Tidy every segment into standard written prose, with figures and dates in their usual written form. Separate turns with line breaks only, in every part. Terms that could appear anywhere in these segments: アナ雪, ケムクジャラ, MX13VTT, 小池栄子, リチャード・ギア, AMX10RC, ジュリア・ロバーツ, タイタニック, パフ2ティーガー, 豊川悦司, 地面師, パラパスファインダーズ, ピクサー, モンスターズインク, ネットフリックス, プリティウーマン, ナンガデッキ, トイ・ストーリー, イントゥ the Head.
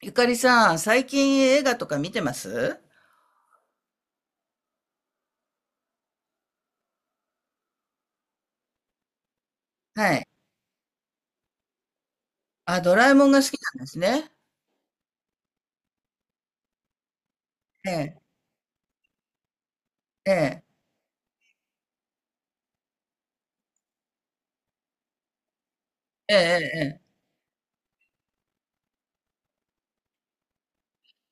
ゆかりさん、最近映画とか見てます？はい。あ、ドラえもんが好きなんですね。ええ、ええ、ええ、ええ、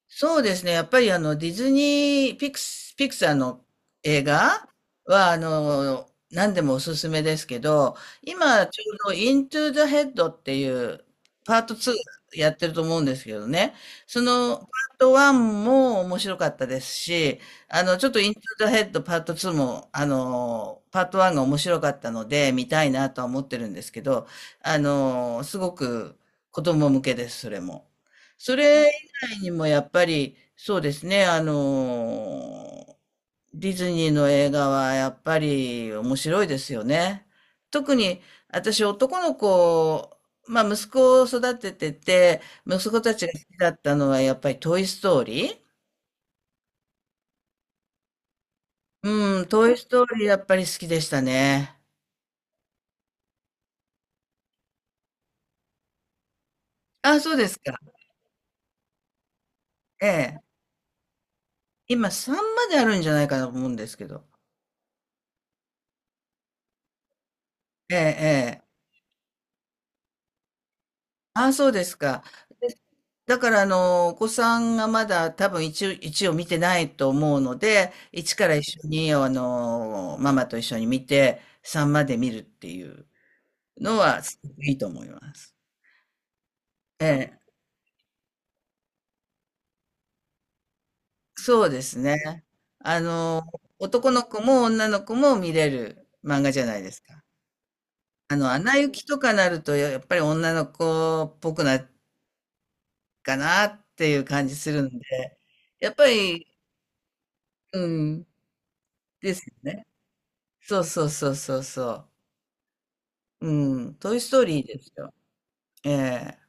そうですね。やっぱりディズニーピクサーの映画は、あの、何でもおすすめですけど、今ちょうどイントゥ the Head っていうパート2やってると思うんですけどね。そのパート1も面白かったですし、あの、ちょっとイントゥ the Head パート2も、あの、パート1が面白かったので見たいなとは思ってるんですけど、あの、すごく子供向けです、それも。それ、以外にもやっぱり、そうですね、あの、ディズニーの映画はやっぱり面白いですよね。特に私男の子、まあ息子を育ててて、息子たちが好きだったのはやっぱりトイ・ストーリー。うん、トイ・ストーリーやっぱり好きでしたね。あ、そうですか。ええ。今さんまであるんじゃないかなと思うんですけど。ええ、ええ。あ、そうですか。だから、あの、お子さんがまだ多分一応、一を見てないと思うので、一から一緒に、あの、ママと一緒に見て、三まで見るっていうのは、すごくいいと思います。ええ、そうですね。あの、男の子も女の子も見れる漫画じゃないですか。あの、アナ雪とかなると、やっぱり女の子っぽくなるかなっていう感じするんで、やっぱり、うん、ですよね。そうそうそうそうそう。うん、トイストーリーですよ。ええ、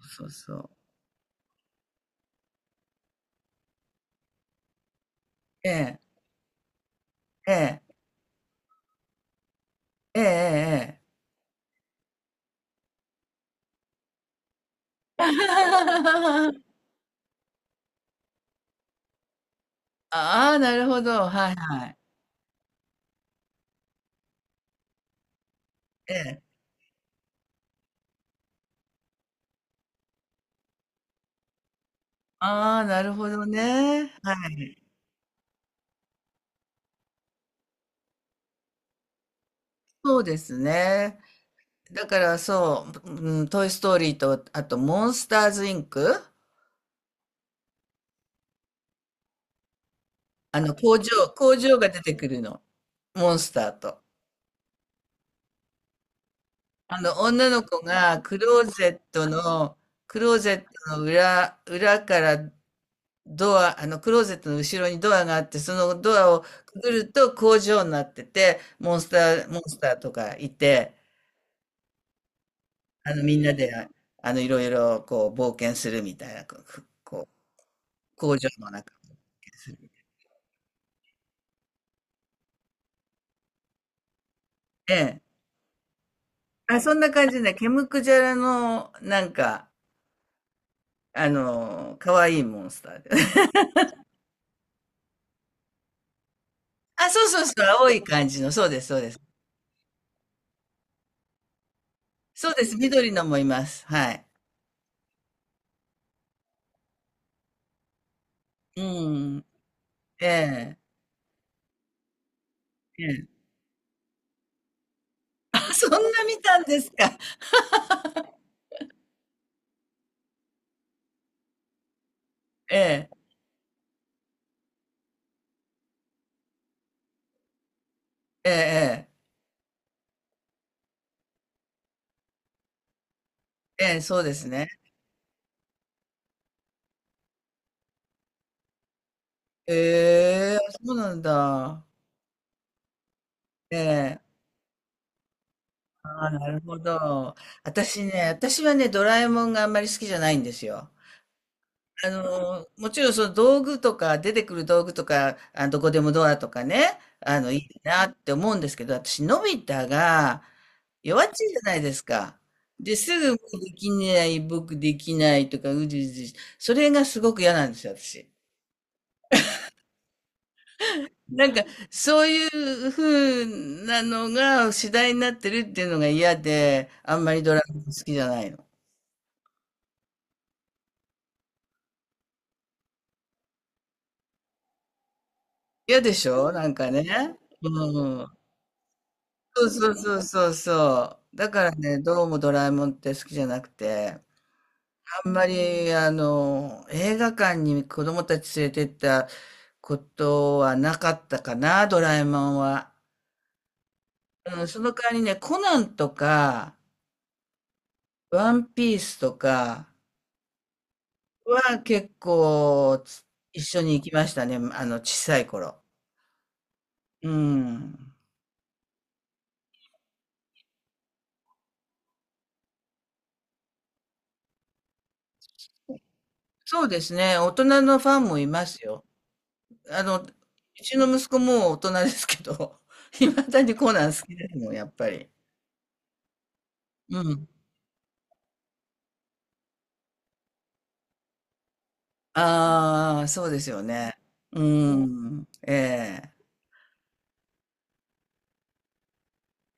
そうそう。ええ、ええ、ええ、ええ。ああ、なるほど。はいはい。ええ。ああ、なるほどね。はい。そうですね。だからそう、うん、トイストーリーと、あと、モンスターズインク。あの、工場が出てくるの。モンスターと。あの、女の子がクローゼットの、クローゼットの裏からあの、クローゼットの後ろにドアがあって、そのドアをくぐると工場になってて、モンスターとかいて、あの、みんなで、いろいろ、こう、冒険するみたいな、こう、こう工場の中で。あ、そんな感じね。ケムクジャラの、なんか、あの、可愛いモンスターで。あ、そうそうそう、青い感じの、そうです、そうです。そうです、緑のもいます。はい。うん。ええ、ええ。あ、そんな見たんですか。ええ、ええ、ええ。ええ、そうですね。ええ、そうなんだ。ええ、ああ、なるほど。私はね、ドラえもんがあんまり好きじゃないんですよ。あの、もちろんその道具とか、出てくる道具とか、あ、どこでもドアとかね、あの、いいなって思うんですけど、私、のび太が弱っちいじゃないですか。で、すぐもうできない、僕できないとか、うじうじ、それがすごく嫌なんですよ、私。なんか、そういう風なのが次第になってるっていうのが嫌で、あんまりドラマ好きじゃないの。嫌でしょなんかね。うん。そうそうそうそうそう。だからね、どうもドラえもんって好きじゃなくて、あんまり、あの、映画館に子供たち連れてったことはなかったかな、ドラえもんは。うん、その代わりね、コナンとか、ワンピースとか、は結構一緒に行きましたね、あの、小さい頃。うん。そうですね、大人のファンもいますよ。あの、うちの息子もう大人ですけど、いまだにコナン好きですもん、やっぱり。うん。ああ、そうですよね。うん。ええ。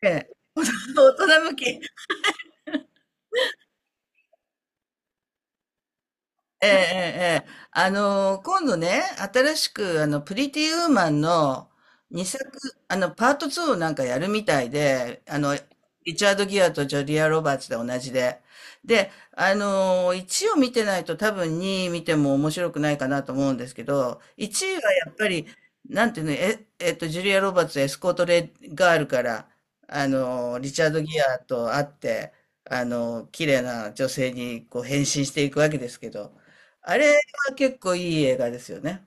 ええ。大人向き。ええ、ええ、ええ、あの、今度ね、新しく、あの、プリティウーマンの2作、あの、パート2をなんかやるみたいで、あの、リチャード・ギアとジョリア・ロバーツで同じで。で、あの、1を見てないと多分2見ても面白くないかなと思うんですけど、1はやっぱり、なんていうの、ジュリア・ロバーツ、エスコート・レガールから、あの、リチャード・ギアと会って、あの、綺麗な女性にこう変身していくわけですけど、あれは結構いい映画ですよね。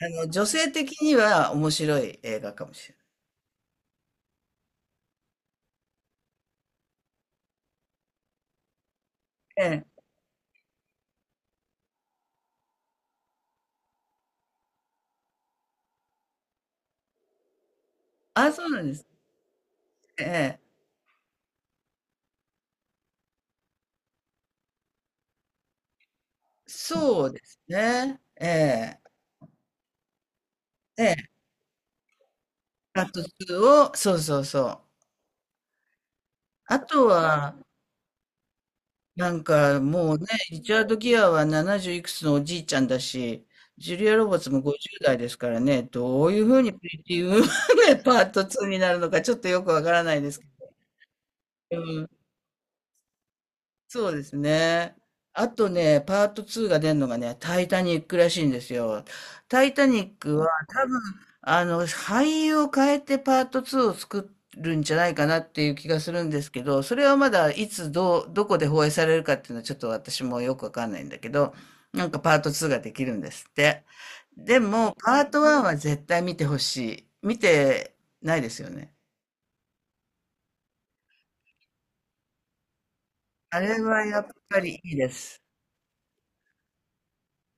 あの、女性的には面白い映画かもしれない。ええ。あ、そうなんですね。ええ。そうですね。ええ。ええ。パート2を、そうそうそう。あとは、なんかもうね、リチャード・ギアは70いくつのおじいちゃんだし、ジュリア・ロバーツも50代ですからね、どういうふうにプリティ・ウーマンがパート2になるのかちょっとよくわからないですけど。そうですね。あとね、パート2が出るのがね、タイタニックらしいんですよ。タイタニックは多分、あの、俳優を変えてパート2を作るんじゃないかなっていう気がするんですけど、それはまだいつどう、どこで放映されるかっていうのはちょっと私もよくわかんないんだけど、なんかパート2ができるんですって。でも、パート1は絶対見てほしい。見てないですよね。あれはやっぱりいいです。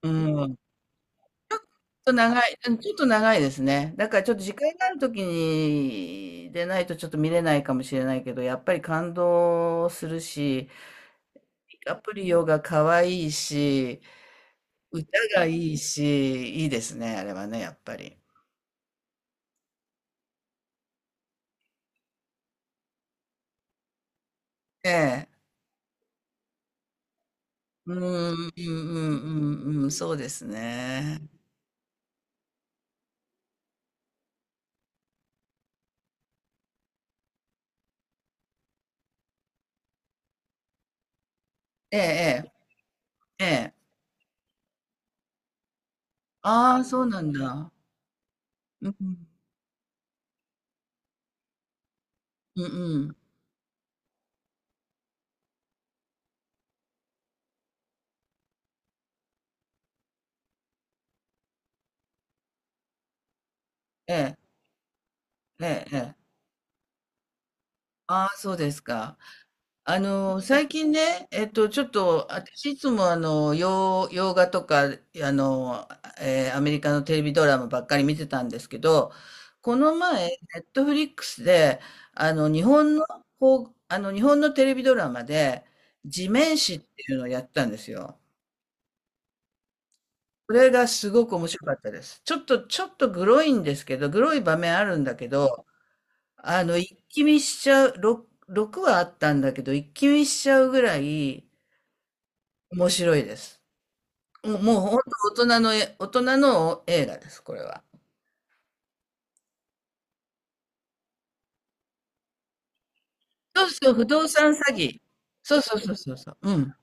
うん。と長い、うん、ちょっと長いですね。だからちょっと時間があるときにでないとちょっと見れないかもしれないけど、やっぱり感動するし、アプリオが可愛いし、歌がいいし、いいですね、あれはね、やっぱり。ええ。うん、うん、うん、うん、うん、そうですね。ええ、ええ、ええ。ああ、そうなんだ。うん、うん、うん。うん、ええ、ええ、ええ。ああ、そうですか。あの、最近ね、ちょっと、私いつもあの、洋画とか、あの、アメリカのテレビドラマばっかり見てたんですけど、この前、ネットフリックスで、あの、日本の、こう、あの、日本のテレビドラマで、地面師っていうのをやったんですよ。これがすごく面白かったです。ちょっと、グロいんですけど、グロい場面あるんだけど、あの、一気見しちゃう、6はあったんだけど、一気見しちゃうぐらい、面白いです。もう本当大人の大人の映画です、これは。そうそう、不動産詐欺。そうそうそうそうそう。うん。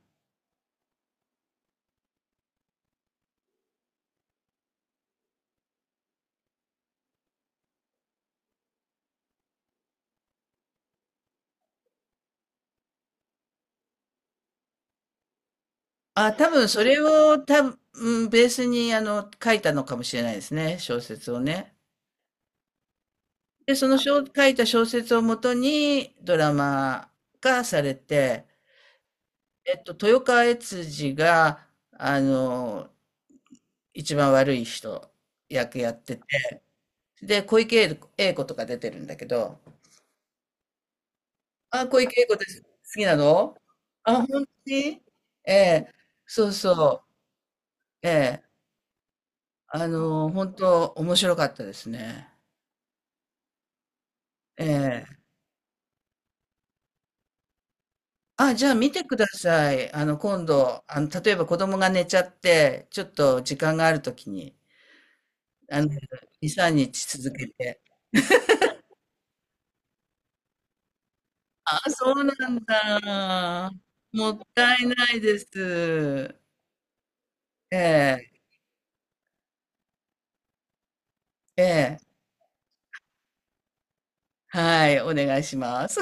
あ、多分それを多分、うんベースにあの書いたのかもしれないですね、小説をね。で、その書いた小説をもとにドラマ化されて、豊川悦司が、あの、一番悪い人役やってて、で、小池栄子とか出てるんだけど、あ、小池栄子です好きなの？あ、本当に？ええ、そうそう。ええ、あの、本当面白かったですね。ええ。あ、じゃあ見てください。あの、今度、あの、例えば子供が寝ちゃって、ちょっと時間があるときに、あの、2、3日続けて。ああ、そうなんだ。もったいないです。ええ、ええ、はい、お願いします。